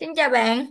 Xin chào bạn,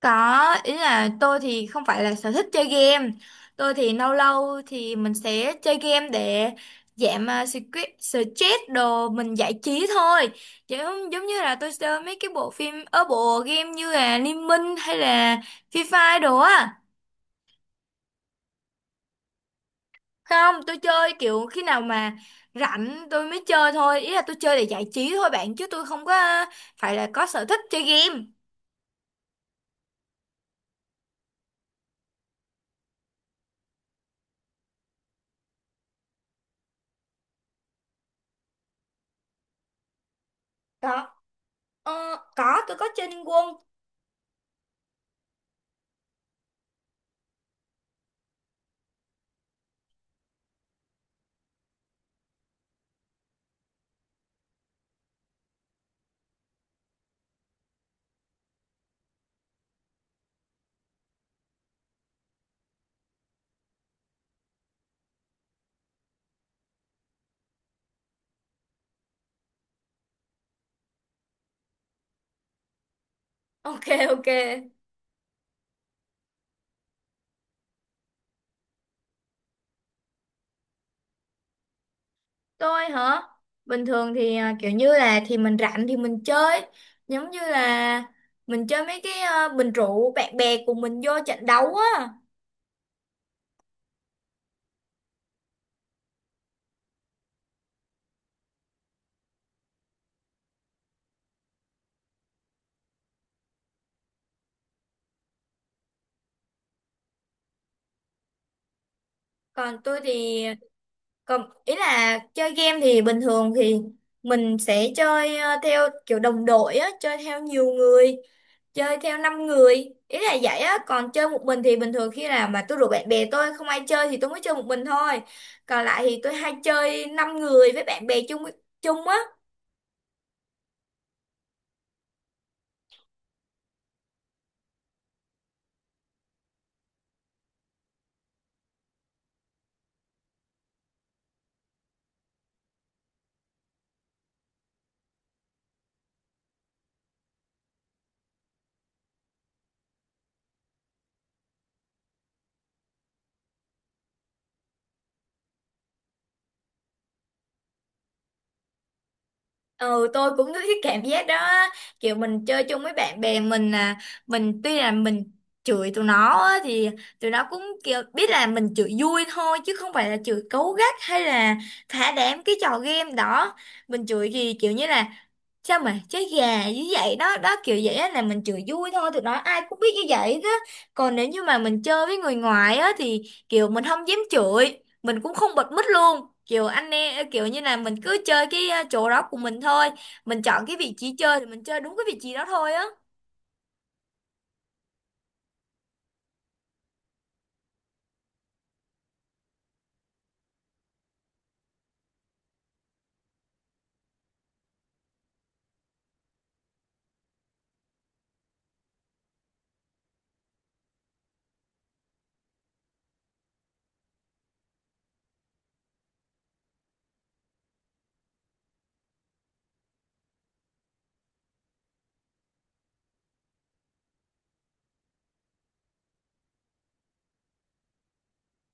có ý là tôi thì không phải là sở thích chơi game, tôi thì lâu lâu thì mình sẽ chơi game để giảm stress stress đồ mình giải trí thôi, giống giống như là tôi chơi mấy cái bộ phim ở bộ game như là Liên Minh hay là Free Fire đồ á. Không, tôi chơi kiểu khi nào mà rảnh tôi mới chơi thôi, ý là tôi chơi để giải trí thôi bạn chứ tôi không có phải là có sở thích chơi game. Có, ờ, có tôi có chơi Liên Quân. Ok, ok. Tôi hả? Bình thường thì kiểu như là thì mình rảnh thì mình chơi giống như là mình chơi mấy cái bình rượu bạn bè của mình vô trận đấu á. Còn tôi thì Còn ý là chơi game thì bình thường thì mình sẽ chơi theo kiểu đồng đội á, chơi theo nhiều người, chơi theo 5 người. Ý là vậy á, còn chơi một mình thì bình thường khi nào mà tôi rủ bạn bè tôi không ai chơi thì tôi mới chơi một mình thôi. Còn lại thì tôi hay chơi 5 người với bạn bè chung chung á. Ừ, tôi cũng có cái cảm giác đó á. Kiểu mình chơi chung với bạn bè mình mình tuy là mình chửi tụi nó á, thì tụi nó cũng kiểu biết là mình chửi vui thôi chứ không phải là chửi cấu gắt hay là thả đám cái trò game đó, mình chửi thì kiểu như là sao mà chơi gà như vậy đó đó kiểu vậy á, là mình chửi vui thôi tụi nó ai cũng biết như vậy đó. Còn nếu như mà mình chơi với người ngoài á thì kiểu mình không dám chửi, mình cũng không bật mít luôn kiểu anh em, kiểu như là mình cứ chơi cái chỗ đó của mình thôi, mình chọn cái vị trí chơi thì mình chơi đúng cái vị trí đó thôi á.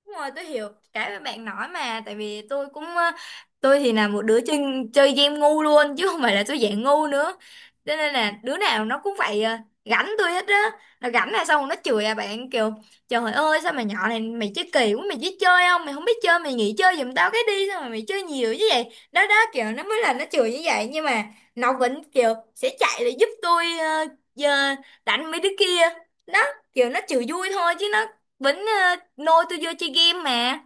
Đúng rồi, tôi hiểu cái mà bạn nói mà tại vì tôi thì là một đứa chơi chơi game ngu luôn chứ không phải là tôi dạng ngu nữa, cho nên là đứa nào nó cũng phải gánh tôi hết á. Nó gánh là xong rồi nó chửi à bạn, kiểu trời ơi sao mày nhỏ này mày chơi kỳ quá, mày biết chơi không, mày không biết chơi mày nghỉ chơi giùm tao cái đi, sao mà mày chơi nhiều như vậy, đó đó kiểu nó mới là nó chửi như vậy nhưng mà nó vẫn kiểu sẽ chạy lại giúp tôi, giờ đánh mấy đứa kia đó, kiểu nó chửi vui thôi chứ nó Bính nôi tôi vô chơi game mà.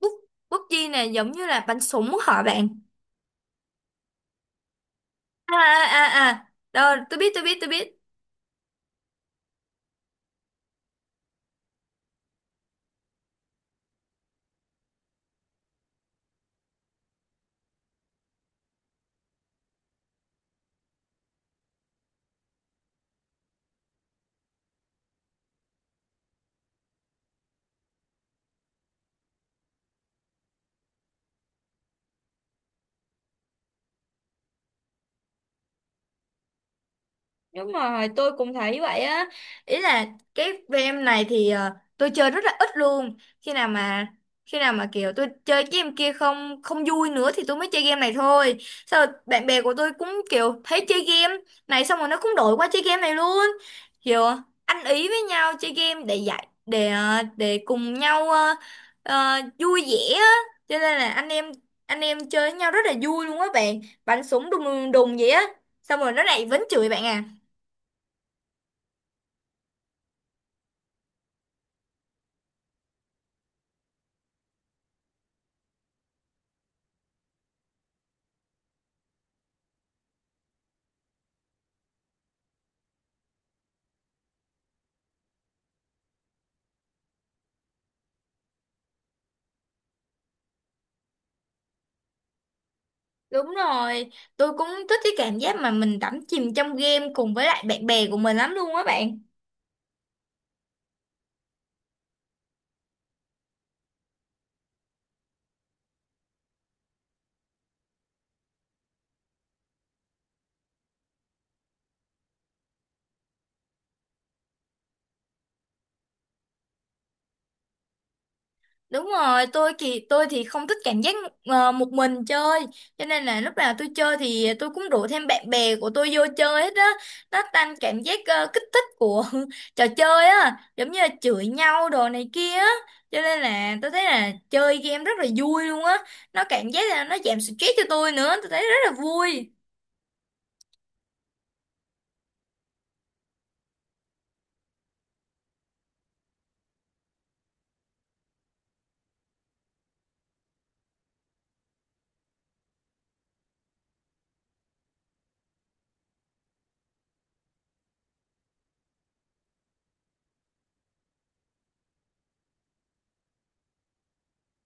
Bút bút PUBG này giống như là bắn súng hả bạn? À à à à, rồi tôi biết tôi biết tôi biết. Đúng rồi, tôi cũng thấy vậy á. Ý là cái game này thì tôi chơi rất là ít luôn. Khi nào mà kiểu tôi chơi cái game kia không không vui nữa thì tôi mới chơi game này thôi. Sao bạn bè của tôi cũng kiểu thấy chơi game này xong rồi nó cũng đổi qua chơi game này luôn. Kiểu ăn ý với nhau chơi game để cùng nhau vui vẻ á. Cho nên là anh em chơi với nhau rất là vui luôn á bạn. Bắn súng đùng đùng đùng vậy á. Xong rồi nó lại vẫn chửi bạn à. Đúng rồi, tôi cũng thích cái cảm giác mà mình đắm chìm trong game cùng với lại bạn bè của mình lắm luôn á bạn. Đúng rồi, tôi thì không thích cảm giác một mình chơi, cho nên là lúc nào tôi chơi thì tôi cũng rủ thêm bạn bè của tôi vô chơi hết á. Nó tăng cảm giác kích thích của trò chơi á, giống như là chửi nhau đồ này kia á. Cho nên là tôi thấy là chơi game rất là vui luôn á. Nó cảm giác là nó giảm stress cho tôi nữa, tôi thấy rất là vui.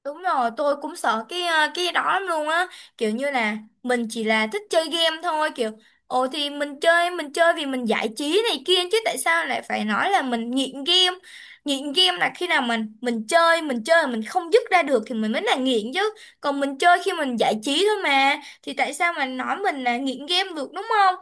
Đúng rồi, tôi cũng sợ cái đó lắm luôn á, kiểu như là mình chỉ là thích chơi game thôi, kiểu ồ thì mình chơi, mình chơi vì mình giải trí này kia chứ tại sao lại phải nói là mình nghiện game. Nghiện game là khi nào mình chơi mà mình không dứt ra được thì mình mới là nghiện chứ. Còn mình chơi khi mình giải trí thôi mà thì tại sao mà nói mình là nghiện game được đúng không?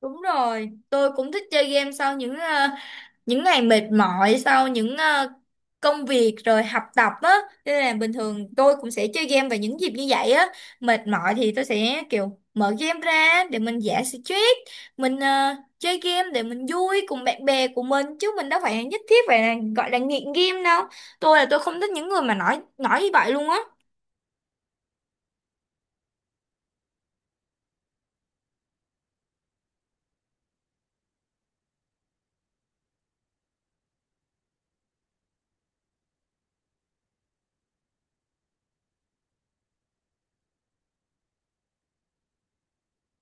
Đúng rồi, tôi cũng thích chơi game sau những những ngày mệt mỏi, sau những công việc rồi học tập á, nên là bình thường tôi cũng sẽ chơi game vào những dịp như vậy á. Mệt mỏi thì tôi sẽ kiểu mở game ra để mình giải stress, mình chơi game để mình vui cùng bạn bè của mình chứ mình đâu phải nhất thiết phải là gọi là nghiện game đâu. Tôi là tôi không thích những người mà nói như vậy luôn á.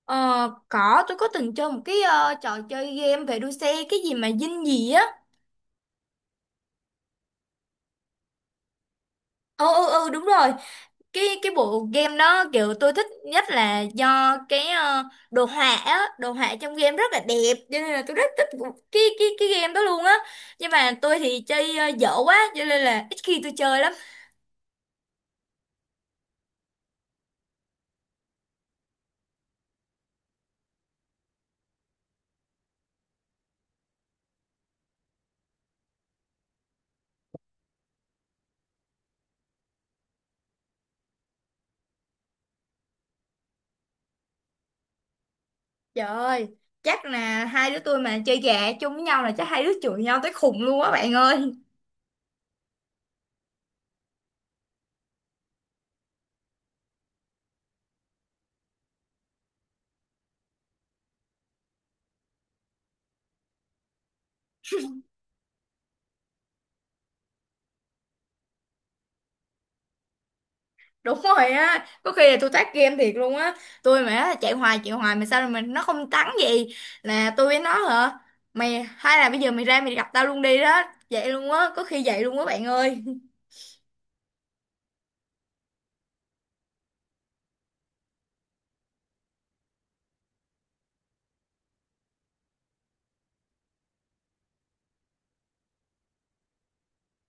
Ờ, có tôi có từng chơi một cái trò chơi game về đua xe cái gì mà dinh gì á. Ừ ừ ừ đúng rồi, cái bộ game đó kiểu tôi thích nhất là do đồ họa trong game rất là đẹp, cho nên là tôi rất thích cái game đó luôn á, nhưng mà tôi thì chơi dở quá cho nên là ít khi tôi chơi lắm. Trời ơi, chắc là hai đứa tôi mà chơi gà chung với nhau là chắc hai đứa chửi nhau tới khùng luôn á bạn ơi. Đúng rồi á, có khi là tôi tát game thiệt luôn á, tôi mà chạy hoài mà sao mà nó không thắng gì là tôi với nó hả, mày hay là bây giờ mày ra mày gặp tao luôn đi đó, vậy luôn á, có khi vậy luôn á bạn ơi.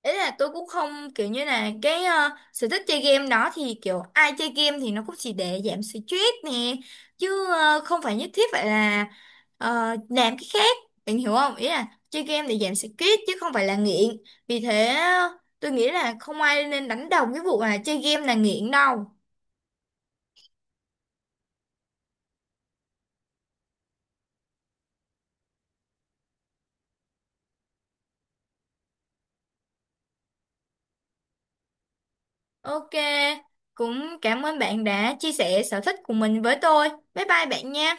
Ý là tôi cũng không kiểu như là sở thích chơi game đó thì kiểu ai chơi game thì nó cũng chỉ để giảm stress nè, chứ không phải nhất thiết phải là ờ, làm cái khác, bạn hiểu không, ý là chơi game để giảm stress chứ không phải là nghiện, vì thế tôi nghĩ là không ai nên đánh đồng cái vụ là chơi game là nghiện đâu. Ok, cũng cảm ơn bạn đã chia sẻ sở thích của mình với tôi, bye bye bạn nha.